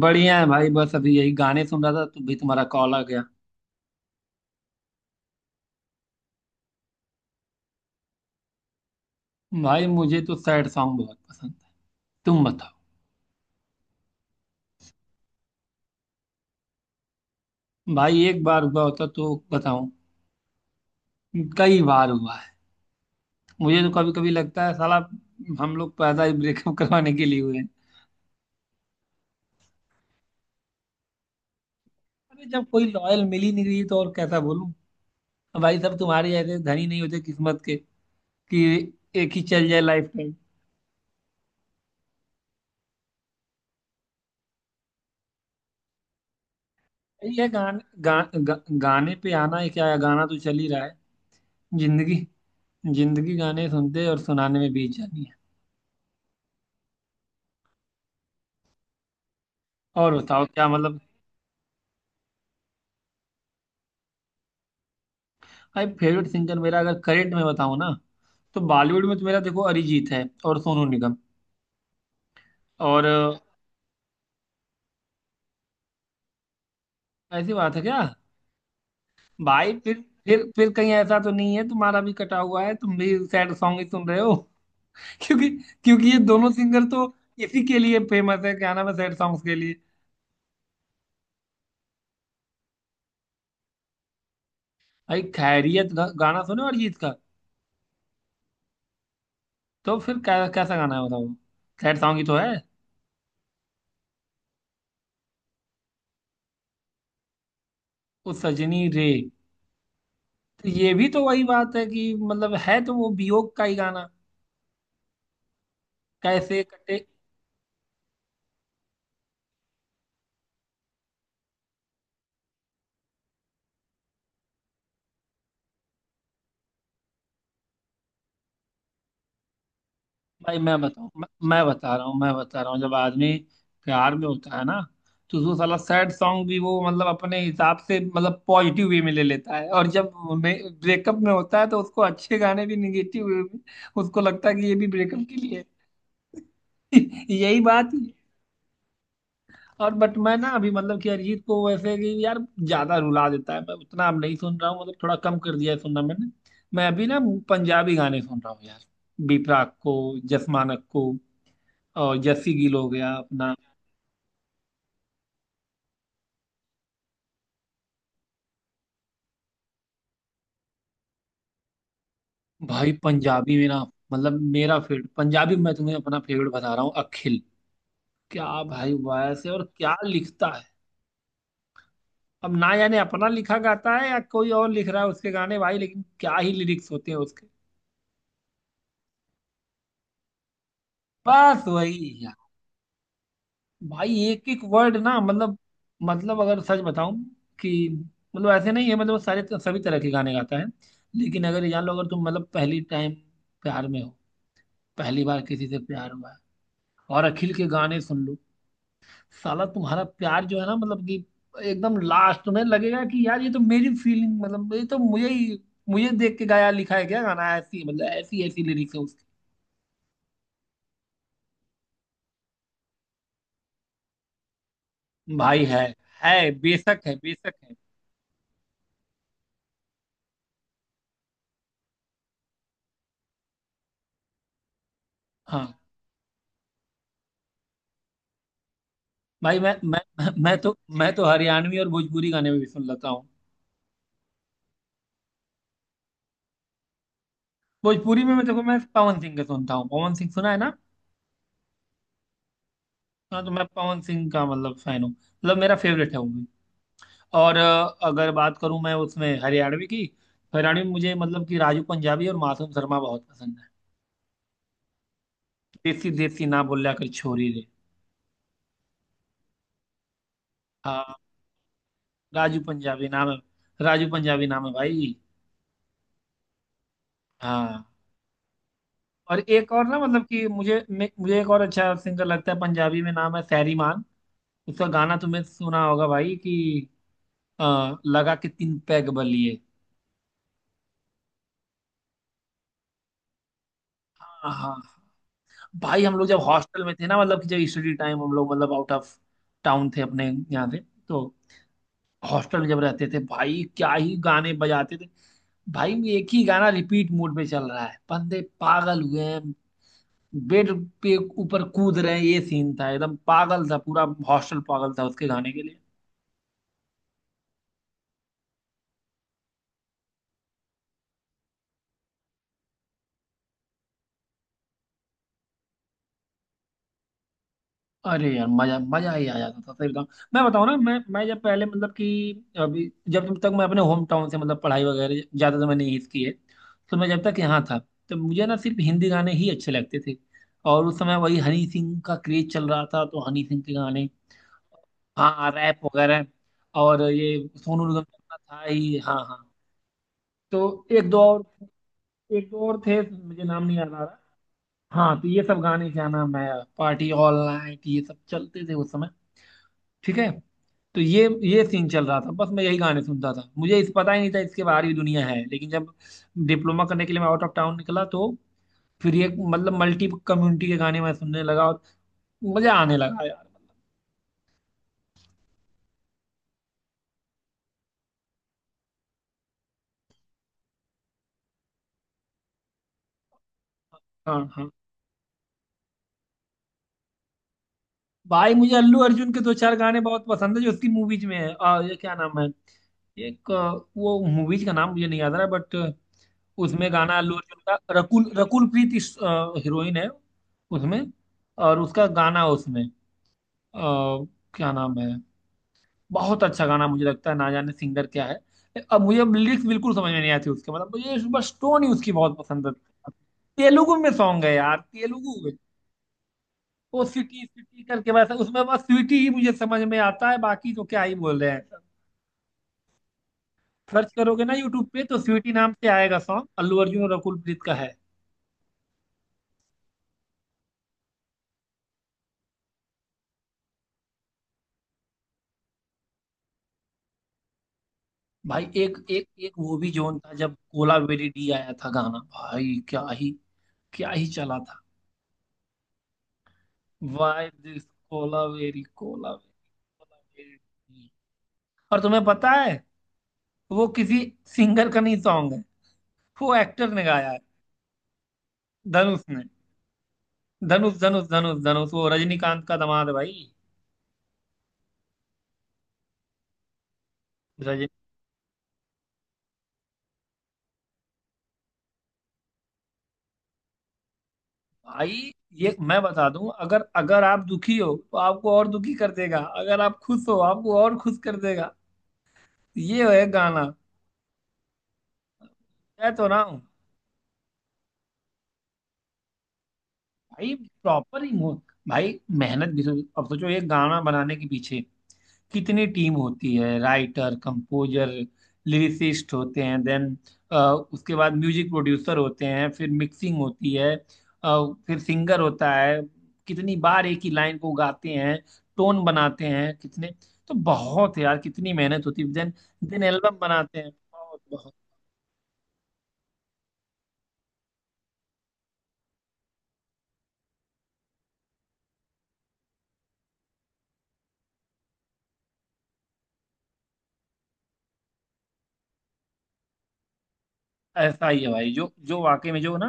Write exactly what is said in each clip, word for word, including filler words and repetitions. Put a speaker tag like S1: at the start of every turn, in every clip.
S1: बढ़िया है भाई। बस अभी यही गाने सुन रहा था तो भी तुम्हारा कॉल आ गया। भाई मुझे तो सैड सॉन्ग बहुत पसंद है। तुम बताओ। भाई एक बार हुआ होता तो बताऊं। कई बार हुआ है। मुझे तो कभी कभी लगता है साला हम लोग पैदा ही ब्रेकअप करवाने के लिए हुए हैं। अरे जब कोई लॉयल मिल ही नहीं रही तो और कैसा बोलूं। भाई सब तुम्हारे ऐसे धनी नहीं होते किस्मत के कि एक ही चल जाए लाइफ टाइम। ये गान, गा, गा, गाने पे आना है क्या है? गाना तो चल ही रहा है। जिंदगी। जिंदगी गाने सुनते और सुनाने में बीत जानी है। और बताओ क्या मतलब। भाई फेवरेट सिंगर मेरा अगर करेंट में बताऊं ना तो बॉलीवुड में तो मेरा देखो अरिजीत है और सोनू निगम। और अ, ऐसी बात है क्या। भाई फिर फिर फिर कहीं ऐसा तो नहीं है तुम्हारा भी कटा हुआ है तुम भी सैड सॉन्ग ही सुन रहे हो। क्योंकि क्योंकि ये दोनों सिंगर तो इसी के लिए फेमस है। क्या नाम है सैड सॉन्ग्स के लिए। भाई खैरियत गा- गाना सुने अरिजीत का। तो फिर कै, कैसा गाना है बताओ। सैड सॉन्ग ही तो है। उस सजनी रे। तो ये भी तो वही बात है कि मतलब है तो वो वियोग का ही गाना। कैसे कटे। भाई मैं बताऊँ मैं, मैं बता रहा हूँ मैं बता रहा हूँ जब आदमी प्यार में होता है ना। तो उसको साला सैड सॉन्ग भी वो मतलब अपने हिसाब से मतलब पॉजिटिव वे में ले लेता है और जब ब्रेकअप में होता है तो उसको अच्छे गाने भी निगेटिव वे में उसको लगता है कि ये भी ब्रेकअप के लिए है। यही बात है। और बट मैं ना अभी मतलब कि अरिजीत को वैसे कि यार ज्यादा रुला देता है मैं उतना अब नहीं सुन रहा हूँ मतलब थोड़ा कम कर दिया है सुनना मैंने। मैं अभी ना पंजाबी गाने सुन रहा हूँ यार। बी प्राक को, जस मानक को, और जस्सी गिल हो गया अपना। भाई पंजाबी में ना मतलब मेरा फेवरेट पंजाबी में मैं तुम्हें अपना फेवरेट बता रहा हूँ अखिल। क्या भाई वॉयस है और क्या लिखता है। अब ना जाने अपना लिखा गाता है या कोई और लिख रहा है उसके गाने भाई, लेकिन क्या ही लिरिक्स होते हैं उसके। बस वही यार। भाई एक एक वर्ड ना मतलब। मतलब अगर सच बताऊं कि मतलब ऐसे नहीं है, मतलब वो सारे सभी तरह के गाने गाता है। लेकिन अगर ये जान लो अगर तुम मतलब पहली टाइम प्यार में हो, पहली बार किसी से प्यार हुआ है और अखिल के गाने सुन लो, साला तुम्हारा प्यार जो है ना मतलब कि एकदम लास्ट तुम्हें लगेगा कि यार ये तो मेरी फीलिंग, मतलब ये तो मुझे ही मुझे देख के गाया लिखा है, क्या गाना, ऐसी मतलब ऐसी ऐसी लिरिक्स है उसकी। भाई है है बेशक है, बेशक है। हाँ भाई मैं मैं मैं तो मैं तो हरियाणवी और भोजपुरी गाने में भी सुन लेता हूँ। भोजपुरी में मैं, देखो, मैं पवन सिंह के सुनता हूँ। पवन सिंह सुना है ना। हाँ तो मैं पवन सिंह का मतलब फैन हूँ, मतलब मेरा फेवरेट है वो। और अ, अगर बात करूं मैं उसमें हरियाणवी की तो हरियाणवी में मुझे मतलब कि राजू पंजाबी और मासूम शर्मा बहुत पसंद है। देसी देसी ना बोलिया कर छोरी रे। हाँ। राजू पंजाबी नाम है। राजू पंजाबी नाम है भाई। हाँ। और एक और ना मतलब कि मुझे मे- मुझे एक और अच्छा सिंगर लगता है पंजाबी में, नाम है सैरी मान। उसका गाना तुमने सुना होगा भाई कि अ, लगा के तीन पैग बलिए। हाँ हाँ हाँ। भाई हम लोग जब हॉस्टल में थे ना मतलब कि जब स्टडी टाइम हम लोग मतलब आउट ऑफ टाउन थे अपने यहाँ से तो हॉस्टल में जब रहते थे भाई क्या ही गाने बजाते थे। भाई एक ही गाना रिपीट मोड पे चल रहा है, बंदे पागल हुए हैं, बेड पे ऊपर कूद रहे हैं, ये सीन था। एकदम पागल था पूरा। हॉस्टल पागल था उसके गाने के लिए। अरे यार मजा मजा ही आ जाता था, सही बताऊं। मैं बताऊं ना मैं मैं जब पहले मतलब कि अभी जब जब तक मैं अपने होम टाउन से मतलब पढ़ाई वगैरह ज्यादा तो मैंने यहीं की है। तो मैं जब तक यहाँ था तो मुझे ना सिर्फ हिंदी गाने ही अच्छे लगते थे, और उस समय वही हनी सिंह का क्रेज चल रहा था तो हनी सिंह के गाने। हाँ रैप वगैरह। और ये सोनू निगम तो अपना था ही। हाँ, हाँ। तो एक दो और एक दो और थे, मुझे नाम नहीं याद आ रहा। हाँ तो ये सब गाने क्या नाम है, पार्टी ऑल नाइट, ये सब चलते थे उस समय। ठीक है। तो ये ये सीन चल रहा था, बस मैं यही गाने सुनता था, मुझे इस पता ही नहीं था इसके बाहर भी दुनिया है। लेकिन जब डिप्लोमा करने के लिए मैं आउट ऑफ टाउन निकला तो फिर ये मतलब मल्टी कम्युनिटी के गाने मैं सुनने लगा और मजा आने लगा यार। हाँ, हाँ। भाई मुझे अल्लू अर्जुन के दो चार गाने बहुत पसंद है जो उसकी मूवीज में है। आ, ये क्या नाम है। एक अ, वो मूवीज का नाम मुझे नहीं याद आ रहा, बट उसमें गाना अल्लू अर्जुन का, रकुल रकुल प्रीत इस हीरोइन है उसमें। और उसका गाना उसमें अ, क्या नाम है। बहुत अच्छा गाना मुझे लगता है, ना जाने सिंगर क्या है। अब मुझे लिरिक्स बिल्कुल समझ में नहीं आती उसके, मतलब मुझे बस टोन ही उसकी बहुत पसंद है। तेलुगु में सॉन्ग है यार, तेलुगु। वो सिटी सिटी करके, बस उसमें बस स्वीटी ही मुझे समझ में आता है, बाकी तो क्या ही बोल रहे हैं। सर्च करोगे ना यूट्यूब पे तो स्वीटी नाम से आएगा सॉन्ग, अल्लू अर्जुन और अकुल प्रीत का है। भाई एक एक एक वो भी जोन था जब कोला वेरी डी आया था गाना, भाई क्या ही। क्या ही चला था। Why this Kolaveri Kolaveri Kolaveri di. और तुम्हें पता है वो किसी सिंगर का नहीं सॉन्ग है, वो एक्टर ने गाया है। धनुष ने। धनुष, धनुष, धनुष, धनुष, वो रजनीकांत का दामाद है भाई। भाई ये मैं बता दूं, अगर अगर आप दुखी हो तो आपको और दुखी कर देगा, अगर आप खुश हो आपको और खुश कर देगा। ये है गाना। मैं तो ना हूं भाई, प्रॉपर इमोशन भाई, मेहनत भी तो। अब सोचो ये गाना बनाने के पीछे कितनी टीम होती है, राइटर, कंपोजर, लिरिसिस्ट होते हैं, देन उसके बाद म्यूजिक प्रोड्यूसर होते हैं, फिर मिक्सिंग होती है। अ, फिर सिंगर होता है। कितनी बार एक ही लाइन को गाते हैं, टोन बनाते हैं कितने, तो बहुत है यार, कितनी मेहनत होती है देन। देन एल्बम बनाते हैं, बहुत बहुत। ऐसा ही है भाई, जो जो वाकई में जो ना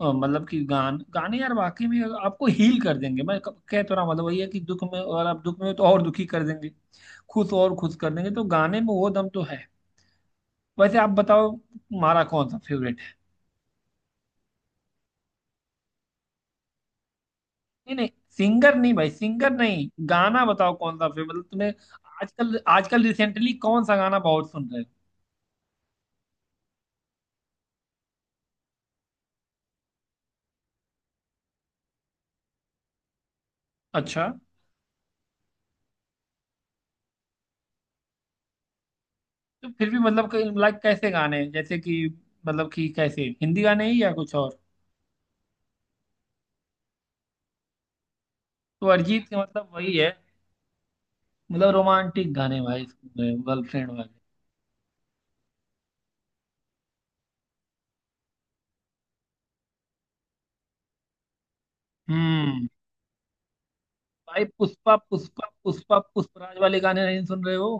S1: अ, मतलब कि गान गाने यार वाकई में आपको हील कर देंगे। मैं क- कह तो रहा हूं, मतलब वही है कि दुख में, और आप दुख में हो तो और दुखी कर देंगे। खुश हो और खुश कर देंगे, तो गाने में वो दम तो है। वैसे आप बताओ तुम्हारा कौन सा फेवरेट है। नहीं, नहीं, सिंगर नहीं भाई, सिंगर नहीं गाना बताओ कौन सा फेवरेट मतलब तुम्हें। आजकल, आजकल, रिसेंटली कौन सा गाना बहुत सुन रहे हो। अच्छा। तो फिर भी मतलब लाइक कैसे गाने हैं? जैसे कि मतलब कि कैसे हिंदी गाने ही या कुछ और। तो अरिजीत के मतलब वही है, मतलब रोमांटिक गाने भाई, गर्लफ्रेंड वाले। हम्म। भाई पुष्पा पुष्पा पुष्पा, पुष्पराज वाले गाने नहीं सुन रहे हो।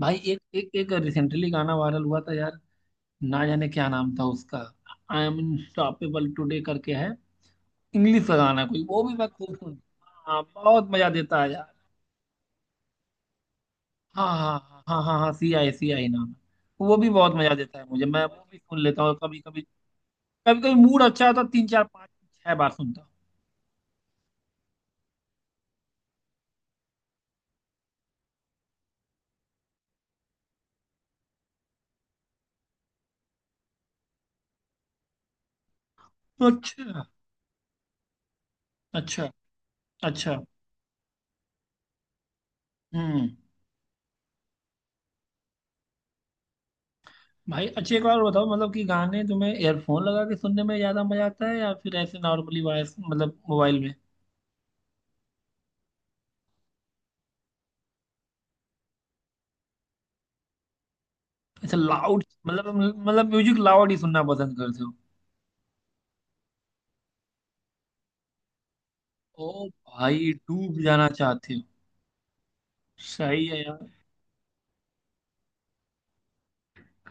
S1: भाई एक एक एक रिसेंटली गाना वायरल हुआ था यार, ना जाने क्या नाम था उसका। आई एम अनस्टॉपेबल टुडे करके है, इंग्लिश का गाना कोई, वो भी मैं खूब सुन। हाँ बहुत मजा देता है यार। हाँ, हाँ, हाँ, हाँ, हाँ, सी आई सी आई नाम है। वो भी बहुत मजा देता है मुझे, मैं वो भी सुन लेता हूँ कभी कभी। कभी कभी मूड अच्छा होता है, तीन चार पाँच छह बार सुनता हूँ। अच्छा। अच्छा। अच्छा। हम्म। भाई अच्छी एक बार बताओ, मतलब कि गाने तुम्हें एयरफोन लगा के सुनने में ज्यादा मजा आता है या फिर ऐसे नॉर्मली वॉइस मतलब मोबाइल में। ऐसे लाउड, मतलब मतलब म्यूजिक लाउड ही सुनना पसंद करते हो। ओ भाई डूब जाना चाहते हो। सही है यार।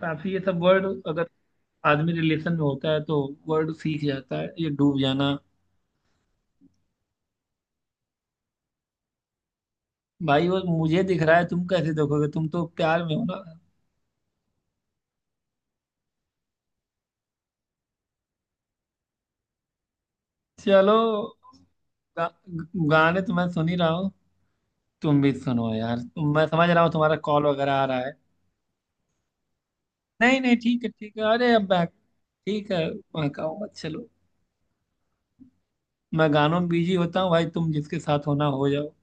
S1: काफी ये सब वर्ड अगर आदमी रिलेशन में होता है तो वर्ड सीख जाता है, ये डूब जाना। भाई वो मुझे दिख रहा है, तुम कैसे देखोगे, तुम तो प्यार में हो ना। चलो। गा, गाने तो मैं सुन ही रहा हूँ। तुम भी सुनो यार, तुम, मैं समझ रहा हूँ तुम्हारा कॉल वगैरह आ रहा है। नहीं नहीं, ठीक है ठीक है, अरे अब बैक, ठीक है। मैं कहूँगा चलो। मैं गानों में बिजी होता हूँ भाई, तुम जिसके साथ होना हो जाओ।